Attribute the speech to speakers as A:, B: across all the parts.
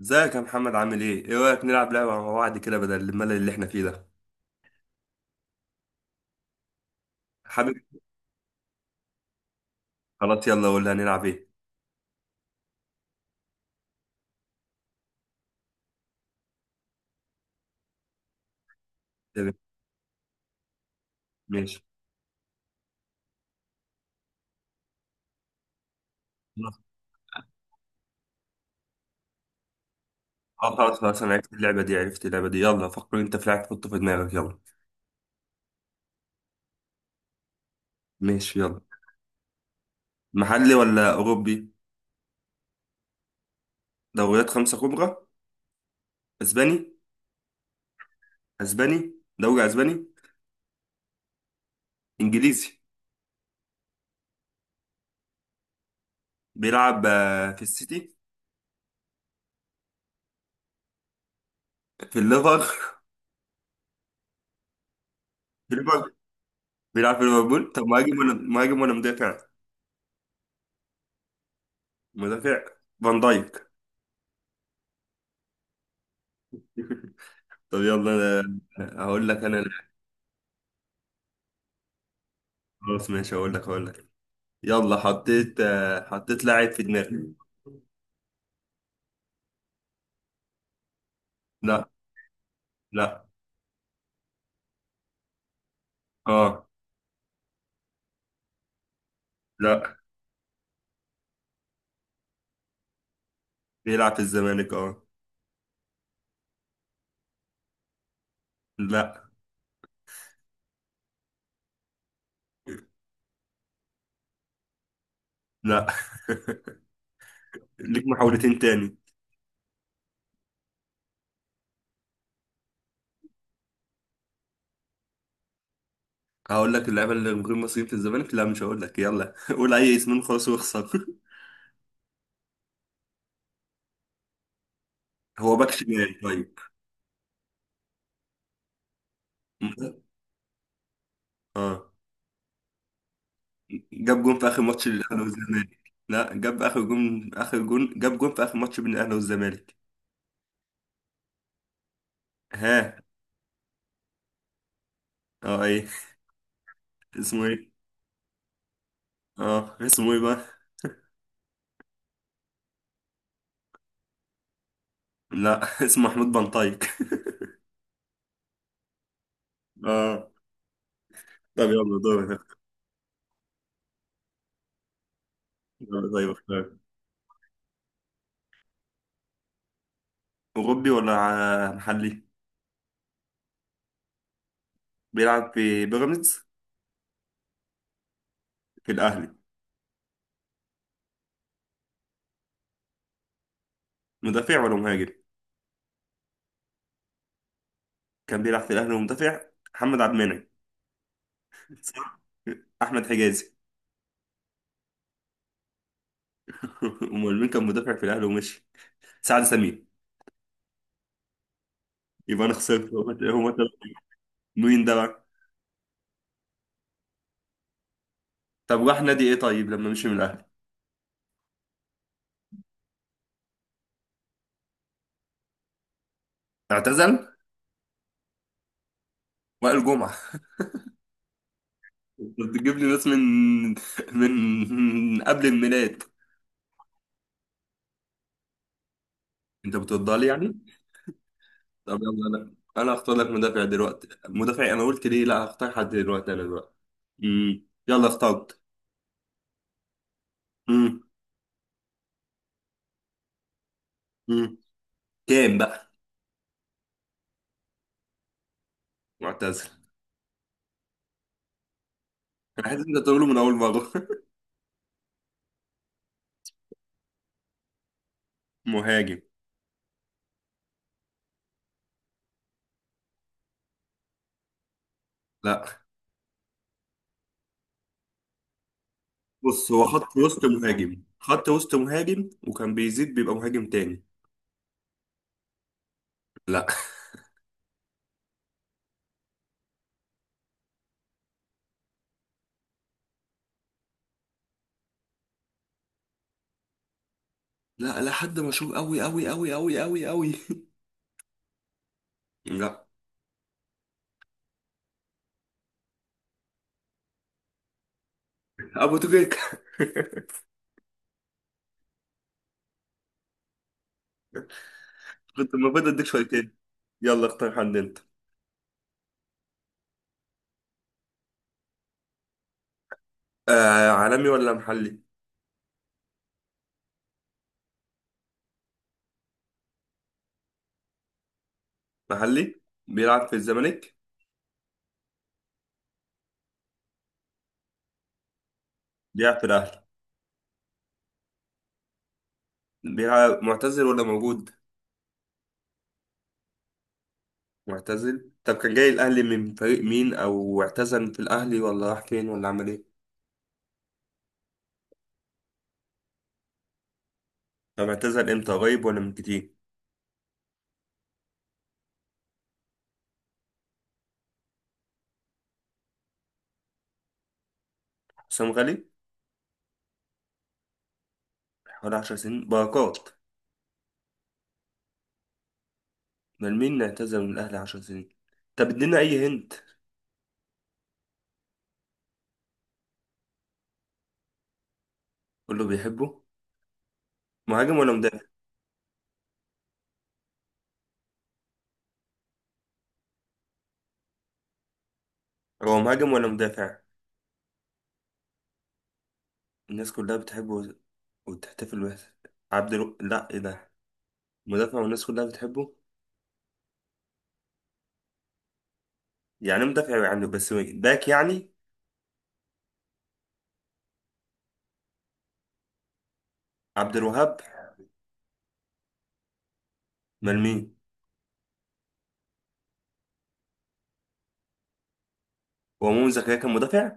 A: ازيك يا محمد، عامل ايه؟ ايه رأيك نلعب لعبة مع بعض كده بدل الملل اللي احنا فيه ده؟ حابب. خلاص يلا قول لي، هنلعب ايه؟ تمام، ماشي. اه، خلاص خلاص، انا عرفت اللعبة دي، عرفت اللعبة دي. يلا فكر انت في لعبة تحطه في دماغك، يلا. ماشي يلا. محلي ولا اوروبي؟ دوريات خمسة كبرى. اسباني. اسباني. دوري اسباني. انجليزي. بيلعب في السيتي. في الليفر في ليفربول. بيلعب في ليفربول. طب مهاجم ولا مهاجم ولا مدافع؟ مدافع. فان دايك. طب يلا هقول لك انا. خلاص ماشي، اقول لك اقول لك. يلا حطيت لاعب في دماغي. لا. لا. اه. لا. بيلعب في الزمالك اه. لا. لا. ليك محاولتين تاني. هقول لك اللعيبه اللي غير مصريين في الزمالك؟ لا مش هقول لك. يلا قول اي اسم خلاص واخسر. هو باك شمال طيب؟ اه. جاب جون في اخر ماتش للاهلي والزمالك. لا، جاب اخر جون. اخر جون جاب جون في اخر ماتش بين الاهلي والزمالك. ها. اه ايه؟ اسمه ايه؟ اه اسمه ايه بقى؟ لا اسمه محمود بنطايق. اه. طب يلا دورك. يلا طيب اختار. اوروبي ولا محلي؟ بيلعب في بيراميدز؟ في الاهلي. مدافع ولا مهاجم؟ كان بيلعب في الاهلي ومدافع. محمد عبد المنعم. صح. احمد حجازي. امال مين كان مدافع في الاهلي ومشي؟ سعد سمير. يبقى انا خسرت. هو مين ده بقى؟ طب راح نادي ايه طيب لما مشي من الاهلي؟ اعتزل. وائل جمعة. انت بتجيب لي ناس من، من من قبل الميلاد. انت بترضى لي يعني؟ طب يلا انا هختار لك مدافع دلوقتي. مدافع، انا قلت ليه. لا هختار حد دلوقتي. انا دلوقتي يلا اخترت. امم. امم. كام بقى؟ معتزل. انا حاسس انت تقوله من اول مره. مهاجم؟ لا. بص هو خط وسط مهاجم. خط وسط مهاجم وكان بيزيد بيبقى مهاجم تاني. لا. لا لا. حد مشهور قوي قوي قوي قوي قوي قوي. لا. ابو تريكة. كنت المفروض اديك شويتين. يلا اختار حد انت. آه، عالمي ولا محلي؟ محلي. بيلعب في الزمالك؟ بيلعب في الاهلي. بيلعب معتزل ولا موجود؟ معتزل. طب كان جاي الاهلي من فريق مين، او اعتزل في الاهلي ولا راح فين ولا عمل ايه؟ طب اعتزل امتى؟ قريب ولا من كتير؟ حسام غالي. حوالي 10 سنين. بركات. من مين اعتزل من الاهلي 10 سنين؟ طب ادينا اي هنت. قول له بيحبه؟ مهاجم ولا مدافع؟ هو مهاجم ولا مدافع؟ الناس كلها بتحبه وتحتفل به. عبد الو... لا ايه ده. مدافع والناس كلها بتحبه. يعني مدافع يعني، بس باك يعني. عبد الوهاب. امال مين؟ هو مؤمن زكريا كان مدافع؟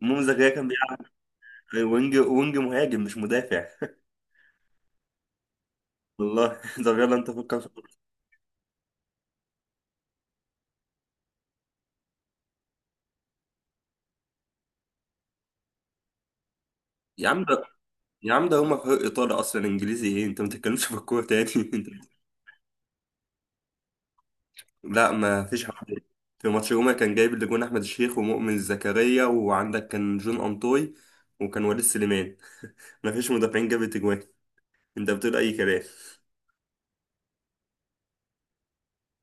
A: مؤمن زكريا كان بيلعب وينج. وينج مهاجم مش مدافع. والله. طب يلا انت فكر في الكورة. يا عم ده يا عم ده هما فريق ايطالي اصلا، انجليزي ايه؟ انت ما بتتكلمش في الكوره تاني انت. لا ما فيش حد. في ماتش روما كان جايب اللي جون احمد الشيخ، ومؤمن زكريا، وعندك كان جون انطوي، وكان وليد سليمان. ما فيش مدافعين جابت اجوان. انت بتقول اي كلام.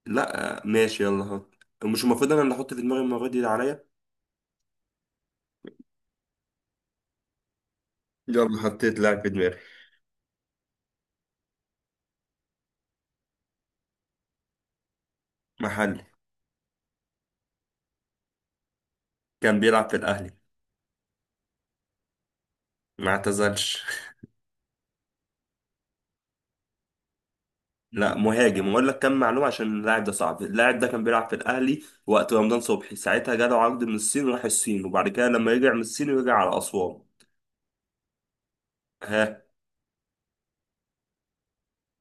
A: لا ماشي يلا هات. مش المفروض انا اللي احط في دماغي المره دي اللي عليا؟ يلا حطيت لاعب في دماغي. محلي. كان بيلعب في الاهلي. ما اعتزلش. لا، مهاجم. واقول لك كم معلومه عشان اللاعب ده صعب. اللاعب ده كان بيلعب في الاهلي وقت رمضان صبحي، ساعتها جاله عقد من الصين وراح الصين. وبعد كده لما رجع من الصين رجع على اسوان. ها.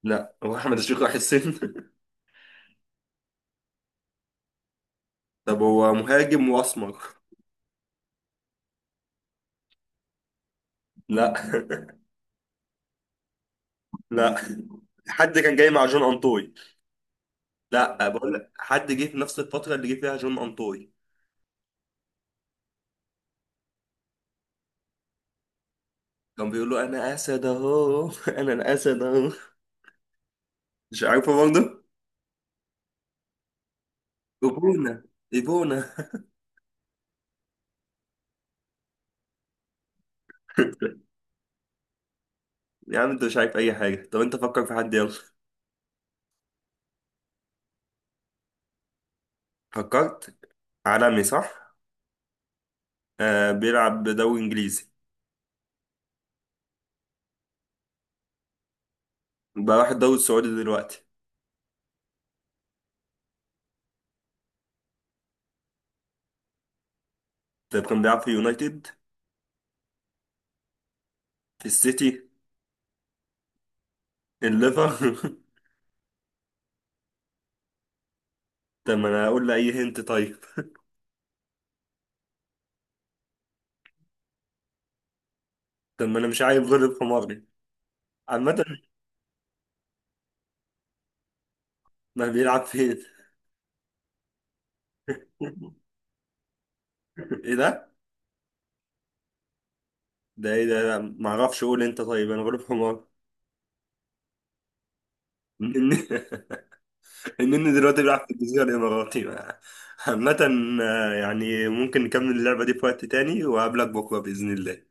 A: لا هو احمد الشيخ راح الصين. طب هو مهاجم واسمر. لا. لا. حد كان جاي مع جون انطوي. لا، بقول لك حد جه في نفس الفتره اللي جه فيها جون انطوي. كان بيقول له انا اسد اهو. انا الاسد اهو. مش عارفه برضه. ايبونا. ايبونا. يا عم انت مش عارف اي حاجة. طب انت فكر في حد يلا. فكرت. عالمي صح؟ آه بيلعب دوري انجليزي. بقى راح الدوري السعودي دلوقتي. طب كان بيلعب في يونايتد؟ في السيتي؟ الليفر؟ طب ما انا اقول له اي هنت طيب. طب ما انا مش عارف، غلب حماري. عامة. ما بيلعب فين؟ ايه ده ايه ده. لا، ما اعرفش. قول انت طيب، انا غلب حمار. النني. النني دلوقتي بيلعب في الجزيرة الاماراتي. عامة. يعني ممكن نكمل اللعبة دي في وقت تاني وأقابلك بكرة بإذن الله.